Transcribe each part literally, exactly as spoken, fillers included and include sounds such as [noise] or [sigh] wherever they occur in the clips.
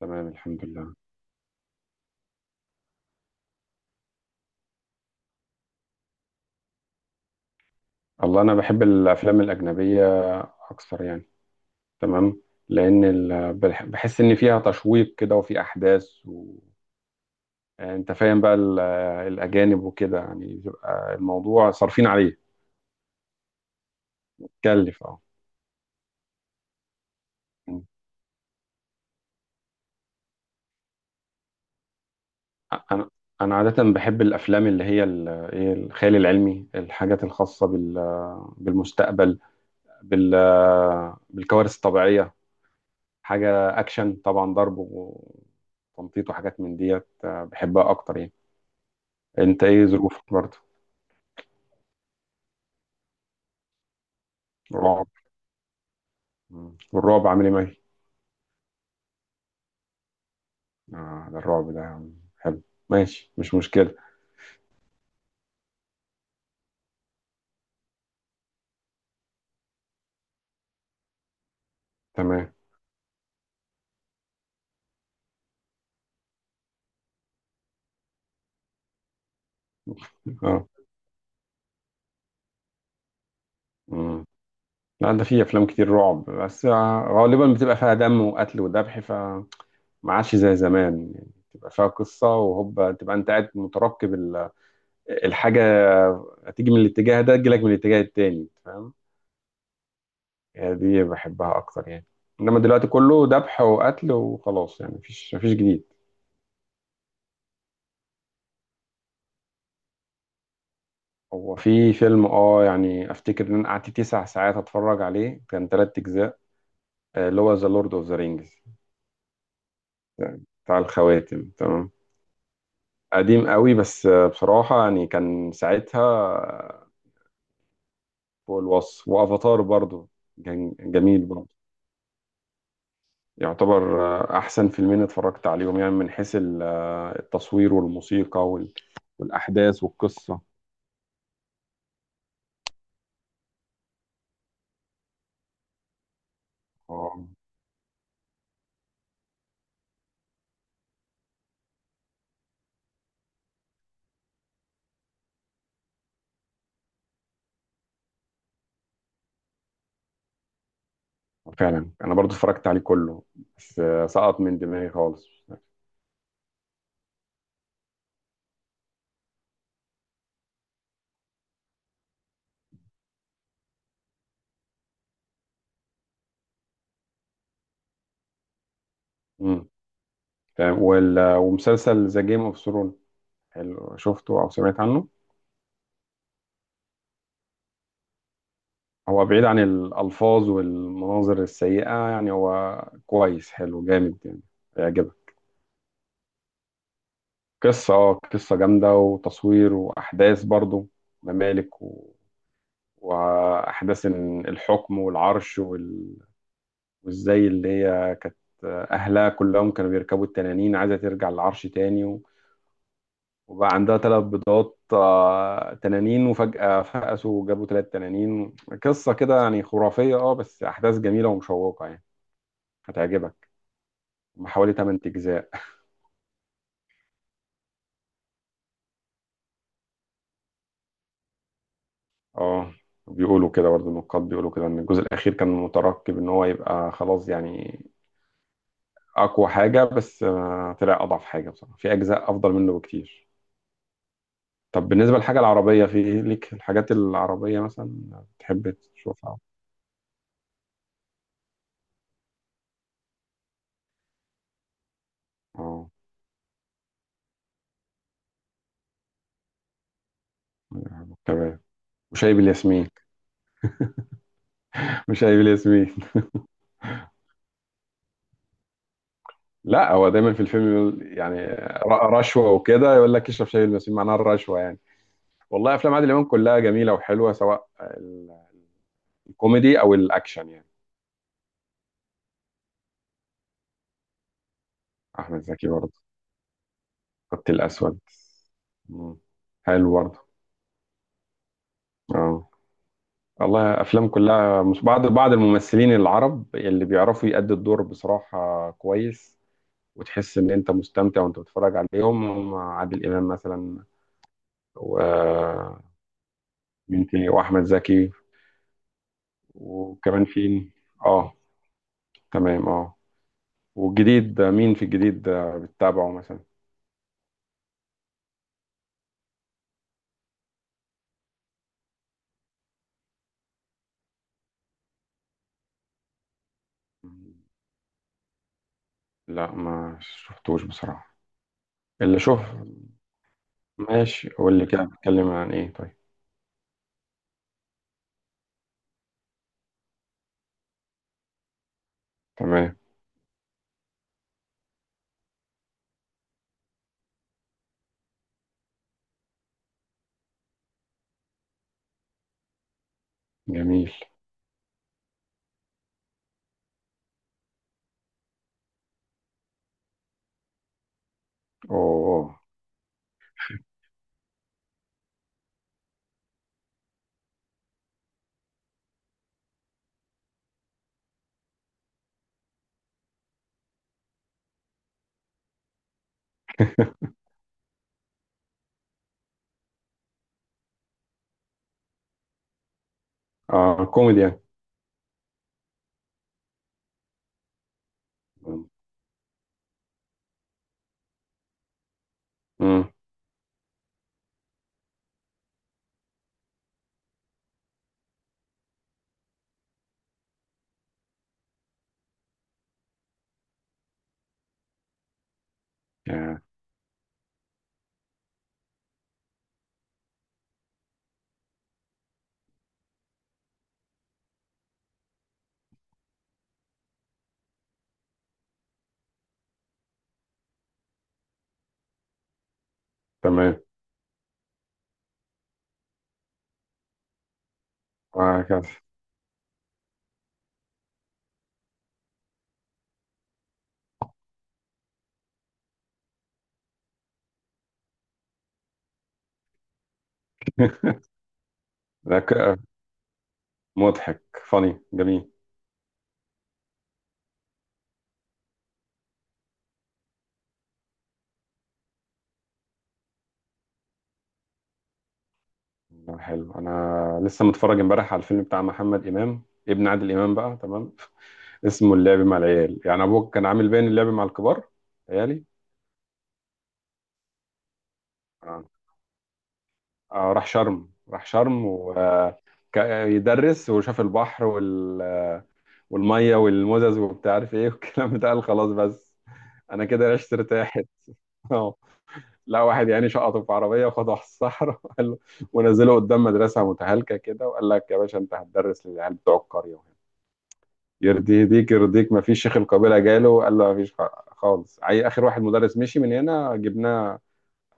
تمام. الحمد لله. الله، انا بحب الافلام الاجنبيه اكثر يعني. تمام. لان ال- بح- بحس ان فيها تشويق كده وفي احداث و... يعني انت فاهم بقى ال- الاجانب، وكده يعني بيبقى الموضوع صارفين عليه. كلف، اه. مم. انا انا عاده بحب الافلام اللي هي ال- ايه الخيال العلمي، الحاجات الخاصه بال... بالمستقبل، بال... بالكوارث الطبيعيه. حاجة أكشن طبعا، ضرب وتنطيط وحاجات من ديت، آه، بحبها أكتر يعني. أنت إيه ظروفك برضه؟ رعب. مم. والرعب عامل إيه معاك؟ آه، ده الرعب ده حلو، ماشي مش مشكلة. تمام. آه. مم. لا، ده في أفلام كتير رعب، بس آه، غالبا بتبقى فيها دم وقتل وذبح، فما عادش زي زمان، يعني تبقى فيها قصة وهوبا تبقى أنت قاعد مترقب ال- الحاجة هتيجي من الاتجاه ده تجيلك من الاتجاه التاني، فاهم؟ يعني دي بحبها اكتر يعني. انما دلوقتي كله ذبح وقتل وخلاص، يعني مفيش مفيش جديد. هو في فيلم، اه يعني افتكر ان انا قعدت تسع ساعات اتفرج عليه، كان تلات اجزاء، آه، اللي هو ذا لورد اوف ذا رينجز، بتاع الخواتم. تمام. قديم قوي، بس آه، بصراحة يعني كان ساعتها آه، فوق الوصف. وافاتار برضو كان جميل برضو. يعتبر آه، احسن فيلمين اتفرجت عليهم يعني، من حيث ال- آه، التصوير والموسيقى وال- والاحداث والقصة. اه، فعلا انا برضو اتفرجت عليه كله، بس آه، سقط من دماغي خالص. امم تمام. وال- ومسلسل ذا جيم اوف ثرون، حلو، شفته او سمعت عنه؟ هو بعيد عن الالفاظ والمناظر السيئه، يعني هو كويس، حلو جامد يعني، هيعجبك. قصه، اه قصه جامده وتصوير واحداث برضو، ممالك و... واحداث إن الحكم والعرش وال... وازاي اللي هي كانت اهلها كلهم كانوا بيركبوا التنانين، عايزه ترجع للعرش تاني. وبقى عندها ثلاث بيضات آه، تنانين، وفجأة فقسوا وجابوا ثلاث تنانين. قصة كده يعني خرافية، اه، بس أحداث جميلة ومشوقة يعني، هتعجبك. حوالي 8 أجزاء. اه، بيقولوا كده برضه، النقاد بيقولوا كده إن الجزء الأخير كان مترقب إن هو يبقى خلاص يعني أقوى حاجة، بس آه، طلع أضعف حاجة بصراحة، في أجزاء أفضل منه بكتير. طب بالنسبة للحاجة العربية، في إيه ليك، الحاجات العربية مثلا بتحب تشوفها؟ اه. تمام. وشاي بالياسمين. [laughs] وشاي بالياسمين. لا، هو دايما في الفيلم يقول يعني، ر- رشوه وكده، يقول لك اشرب شاي المسيب، معناها الرشوه يعني. والله افلام عادل امام كلها جميله وحلوه، سواء ال- الكوميدي او الاكشن يعني. احمد زكي برضه. خط الاسود. مم. حلو برضه. اه. والله افلام كلها مش بعض، بعض الممثلين العرب اللي بيعرفوا يأدوا الدور بصراحه كويس، وتحس ان انت مستمتع وانت بتتفرج عليهم. هم عادل امام مثلا، ومين تاني؟ واحمد زكي. وكمان في، اه، تمام. اه. والجديد، آه، مين في الجديد آه، بتتابعه مثلا؟ لا، ما شفتوش بصراحة. اللي شوف. ماشي، قول لي كده بتتكلم عن ايه طيب. تمام. جميل. اوه. [laughs] اه، كوميدي يعني. امم. يعني. تمام. وهكذا. [laughs] ذكاء. مضحك. فاني. جميل. لا، حلو. انا لسه متفرج امبارح على الفيلم بتاع محمد امام، ابن عادل امام بقى. تمام. [laughs] اسمه اللعب مع العيال، يعني ابوك كان عامل باين اللعب مع الكبار. عيالي. آه. آه، راح شرم، راح شرم ويدرس وشاف البحر وال... والميه والمزز وبتاع، عارف ايه [laughs] والكلام ده. قال خلاص، بس انا كده عشت ارتاحت. [laughs] اه. لا، واحد يعني شقطه في عربيه وخده على الصحراء [laughs] وقال له. ونزله قدام مدرسه متهالكه كده وقال لك يا باشا انت هتدرس للعيال بتوع القريه، وهنا يرضي يهديك يرضيك؟ ما فيش، شيخ القبيله جاله قال له ما فيش خالص، عي- اخر واحد مدرس مشي من هنا جبناه،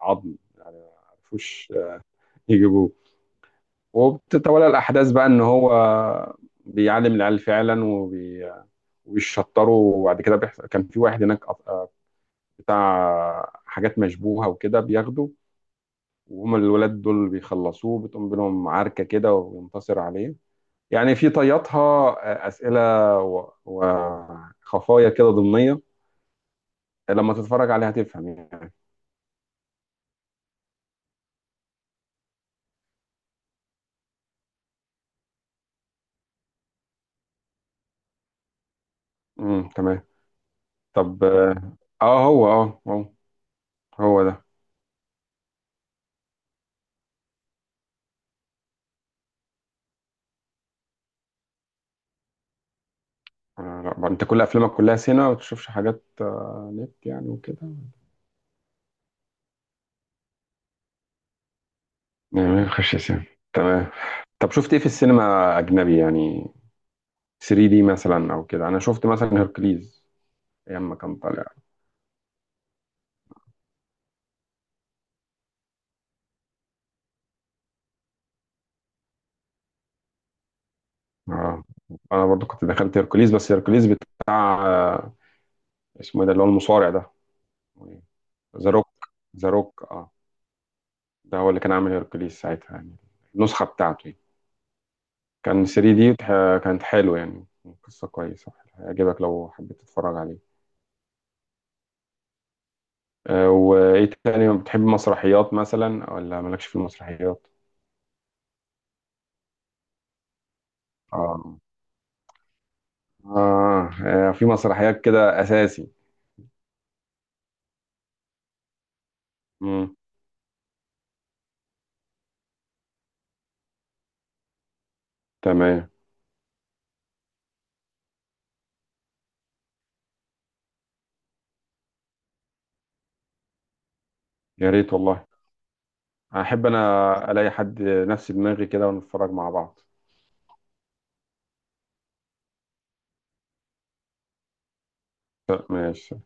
عظم ما عرفوش يجيبوه. وبتتولى الأحداث بقى إن هو بيعلم العيال فعلا وبي... وبيشطروا. وبعد كده بيحصل، كان في واحد هناك أط- آه، بتاع حاجات مشبوهة وكده، بياخده، وهم الولاد دول بيخلصوه، بتقوم بينهم عركة كده وينتصر عليه. يعني في طياتها آه، أسئلة و- وخفايا كده ضمنية، لما تتفرج عليها هتفهم يعني. امم تمام. طب، اه آه، هو اه هو هو ده. آه، لا بقى، انت كل افلامك كلها سينما، ما بتشوفش حاجات آه، نت يعني وكده؟ يعني ما بخش سينما. تمام. طب شفت ايه في السينما اجنبي يعني؟ 3 دي مثلا او كده. انا شفت مثلا هيركليز، ايام ما كان طالع. اه. انا برضو كنت دخلت هيركليز، بس هيركليز بتاع آه، اسمه ايه ده، اللي هو المصارع ده. ذا روك. ذا روك، اه. ده هو اللي كان عامل هيركليز ساعتها يعني. النسخة بتاعته يعني. كان 3 دي وتح- كانت حلوة يعني. قصة كويسة، هيعجبك لو حبيت تتفرج عليه. آه، وايه تاني، بتحب مسرحيات مثلا ولا مالكش في المسرحيات؟ اه. اه. آه، في مسرحيات كده اساسي. امم تمام. يا ريت والله. احب انا الاقي حد نفس دماغي كده ونتفرج مع بعض. ماشي.